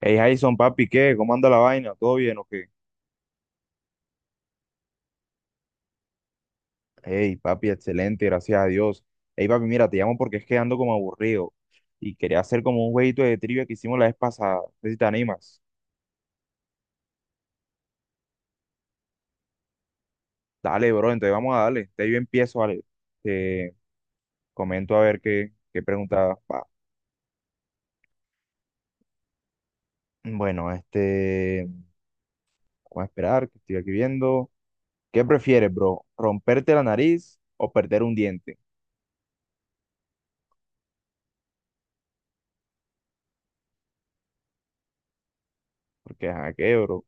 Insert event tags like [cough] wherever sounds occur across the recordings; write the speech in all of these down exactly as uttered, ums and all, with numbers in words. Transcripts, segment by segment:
Hey Jason, papi, ¿qué? ¿Cómo anda la vaina? ¿Todo bien o qué? Hey, papi, excelente, gracias a Dios. Hey, papi, mira, te llamo porque es que ando como aburrido y quería hacer como un jueguito de trivia que hicimos la vez pasada. No sé si te animas. Dale, bro, entonces vamos a darle. Te yo empiezo, vale. Te comento a ver qué, qué pregunta va. Bueno, este, vamos a esperar, que estoy aquí viendo. ¿Qué prefieres, bro? ¿Romperte la nariz o perder un diente? Porque, ajá, ¿qué, bro?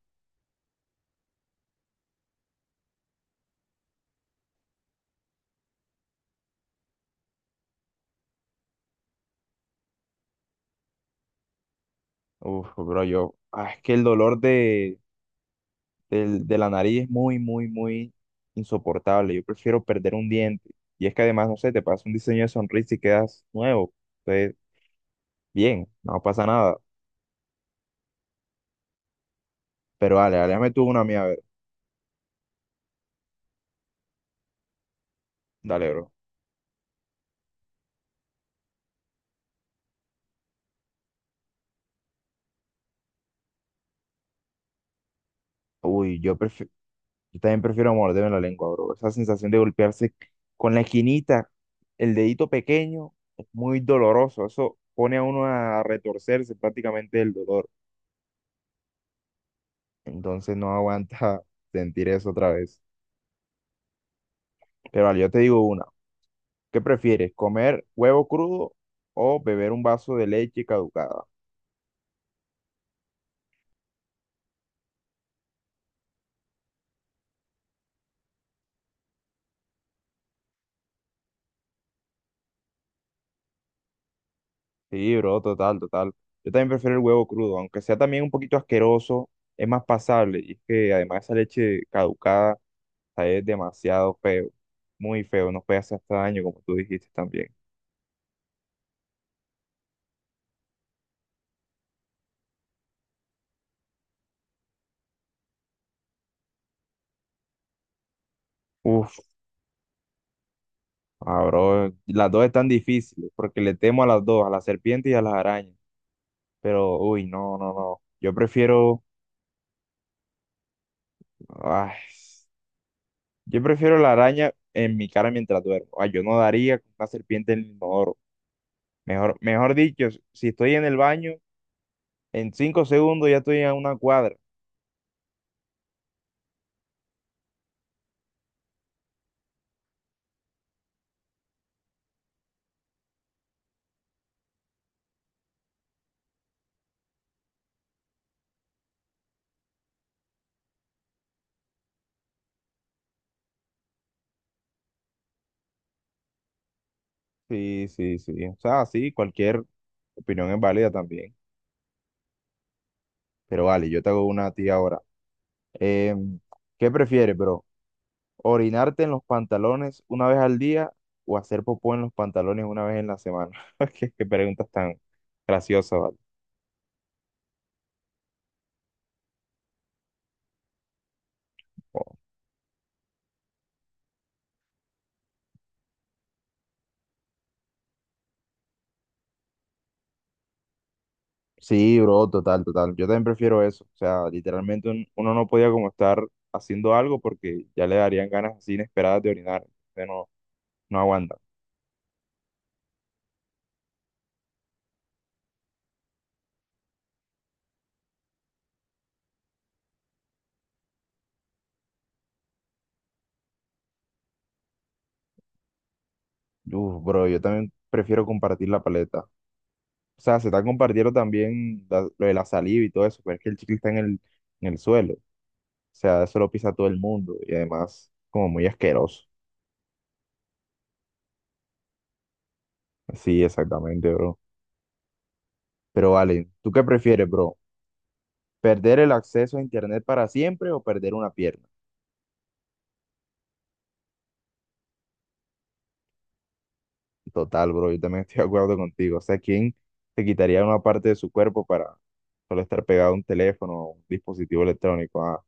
Uf, bro, yo, ah, es que el dolor de del- de la nariz es muy, muy, muy insoportable. Yo prefiero perder un diente. Y es que además, no sé, te pasa un diseño de sonrisa y quedas nuevo. Entonces, bien, no pasa nada. Pero dale, dale, dame tú una mía, a ver. Dale, bro. Uy, yo prefiero, yo también prefiero morderme la lengua, bro. Esa sensación de golpearse con la esquinita, el dedito pequeño, es muy doloroso. Eso pone a uno a retorcerse prácticamente el dolor. Entonces no aguanta [laughs] sentir eso otra vez. Pero vale, yo te digo una. ¿Qué prefieres? ¿Comer huevo crudo o beber un vaso de leche caducada? Sí, bro, total, total. Yo también prefiero el huevo crudo, aunque sea también un poquito asqueroso, es más pasable. Y es que además esa leche caducada, o sea, es demasiado feo, muy feo, nos puede hacer hasta daño, como tú dijiste también. Uf, ah, bro, las dos están difíciles, porque le temo a las dos, a las serpientes y a las arañas. Pero, uy, no, no, no. Yo prefiero, ay, Yo prefiero la araña en mi cara mientras duermo. Ah, yo no daría con una serpiente en el inodoro. Mejor, mejor dicho, si estoy en el baño, en cinco segundos ya estoy a una cuadra. Sí, sí, sí. O sea, sí, cualquier opinión es válida también. Pero vale, yo te hago una a ti ahora. Em, ¿Qué prefieres, bro? ¿Orinarte en los pantalones una vez al día o hacer popó en los pantalones una vez en la semana? [laughs] Qué, qué preguntas tan graciosas, ¿vale? Sí, bro, total, total. Yo también prefiero eso. O sea, literalmente un- uno no podía como estar haciendo algo porque ya le darían ganas así inesperadas de orinar. Entonces no, no aguanta. Uf, bro, yo también prefiero compartir la paleta. O sea, se está compartiendo también la- lo de la saliva y todo eso, pero es que el chicle está en el, en el suelo. O sea, eso lo pisa todo el mundo y además como muy asqueroso. Sí, exactamente, bro. Pero vale, ¿tú qué prefieres, bro? ¿Perder el acceso a internet para siempre o perder una pierna? Total, bro, yo también estoy de acuerdo contigo. O sea, ¿quién se quitaría una parte de su cuerpo para solo estar pegado a un teléfono o un dispositivo electrónico? Ah,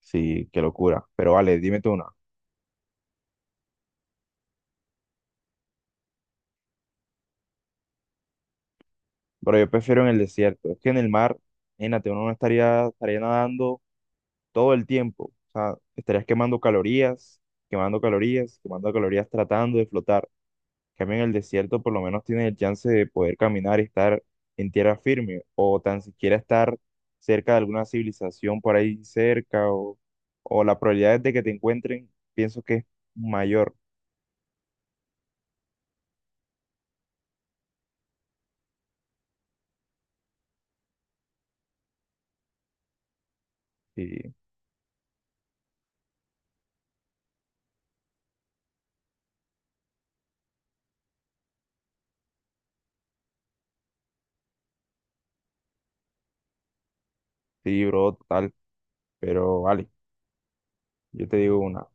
sí, qué locura. Pero vale, dime tú una. Pero yo prefiero en el desierto. Es que en el mar, imagínate, uno no estaría, estaría nadando todo el tiempo. O sea, estarías quemando calorías, quemando calorías, quemando calorías tratando de flotar. Cambio, en el desierto por lo menos tienes el chance de poder caminar y estar en tierra firme o tan siquiera estar cerca de alguna civilización por ahí cerca o, o la probabilidad de que te encuentren, pienso que es mayor. Sí, sí, bro, total. Pero vale, yo te digo una.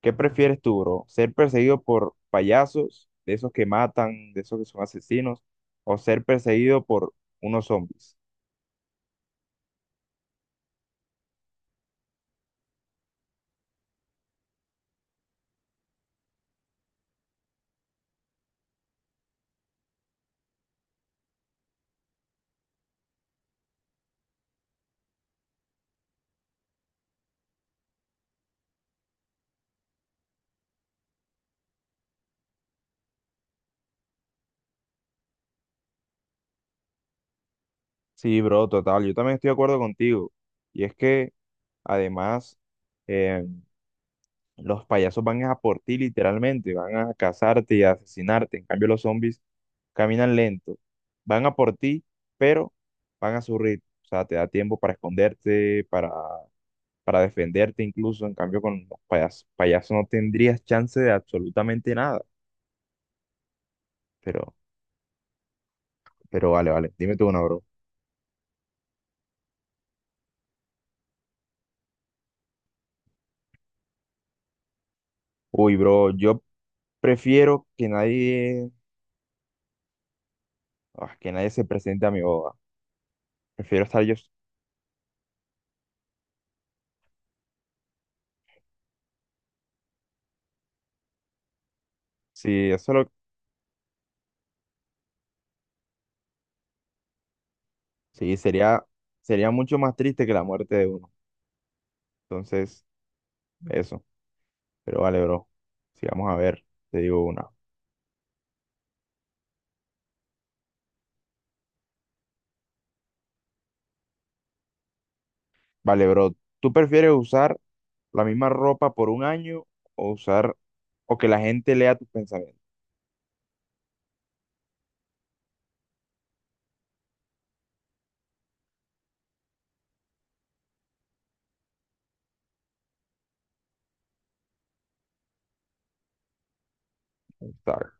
¿Qué prefieres tú, bro? ¿Ser perseguido por payasos, de esos que matan, de esos que son asesinos, o ser perseguido por unos zombies? Sí, bro, total. Yo también estoy de acuerdo contigo. Y es que, además, eh, los payasos van a por ti literalmente, van a cazarte y a asesinarte. En cambio, los zombies caminan lento, van a por ti, pero van a su ritmo. O sea, te da tiempo para esconderte, para, para defenderte incluso. En cambio, con los payas payasos no tendrías chance de absolutamente nada. Pero, pero vale, vale. Dime tú una, bro. Uy, bro, yo prefiero que nadie Ah, que nadie se presente a mi boda. Prefiero estar yo. Sí, eso lo. Sí, sería, sería mucho más triste que la muerte de uno. Entonces, eso. Pero vale, bro. Sí, vamos a ver. Te digo una. Vale, bro. ¿Tú prefieres usar la misma ropa por un año o usar... o que la gente lea tus pensamientos? Dark.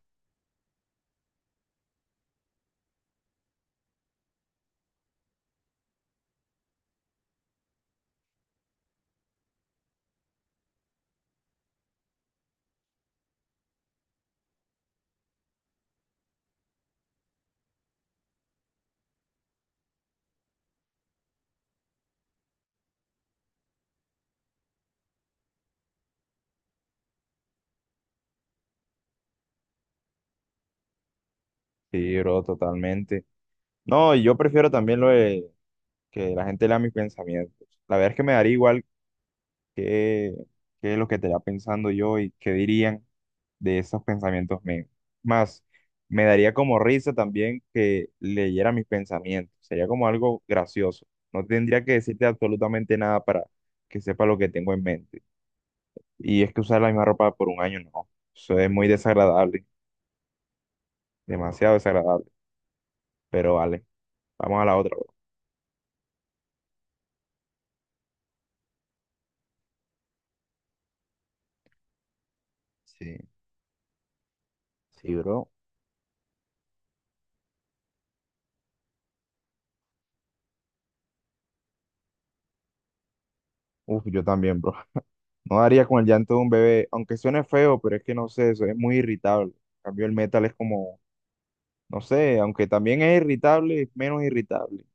Sí, bro, totalmente. No, y yo prefiero también lo de que la gente lea mis pensamientos. La verdad es que me daría igual qué que lo que estaría pensando yo y qué dirían de esos pensamientos míos. Más, me daría como risa también que leyera mis pensamientos. Sería como algo gracioso. No tendría que decirte absolutamente nada para que sepa lo que tengo en mente. Y es que usar la misma ropa por un año, no. Eso es muy desagradable, demasiado desagradable. Pero vale, vamos a la otra, bro. Sí. Sí, bro. Uf, yo también, bro. No daría con el llanto de un bebé, aunque suene feo, pero es que no sé, eso es muy irritable. En cambio, el metal es como, no sé, aunque también es irritable, es menos irritable.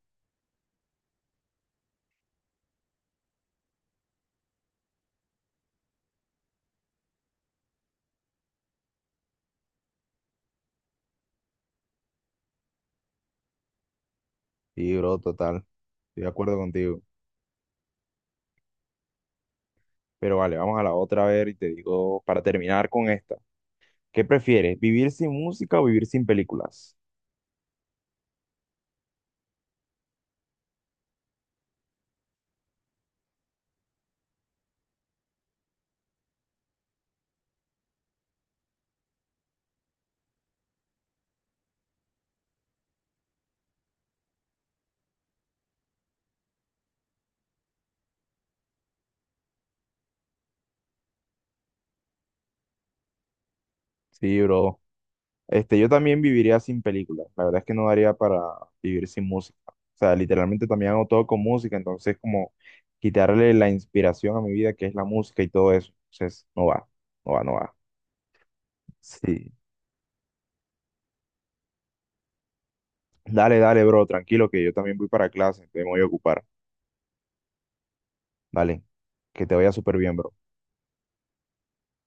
Sí, bro, total. Estoy de acuerdo contigo. Pero vale, vamos a la otra a ver y te digo, para terminar con esta, ¿qué prefieres? ¿Vivir sin música o vivir sin películas? Sí, bro. Este, yo también viviría sin películas. La verdad es que no daría para vivir sin música. O sea, literalmente también hago todo con música, entonces como quitarle la inspiración a mi vida, que es la música y todo eso. Entonces, no va, no va, no va. Sí. Dale, dale, bro, tranquilo, que yo también voy para clase, te voy a ocupar. Vale, que te vaya súper bien, bro.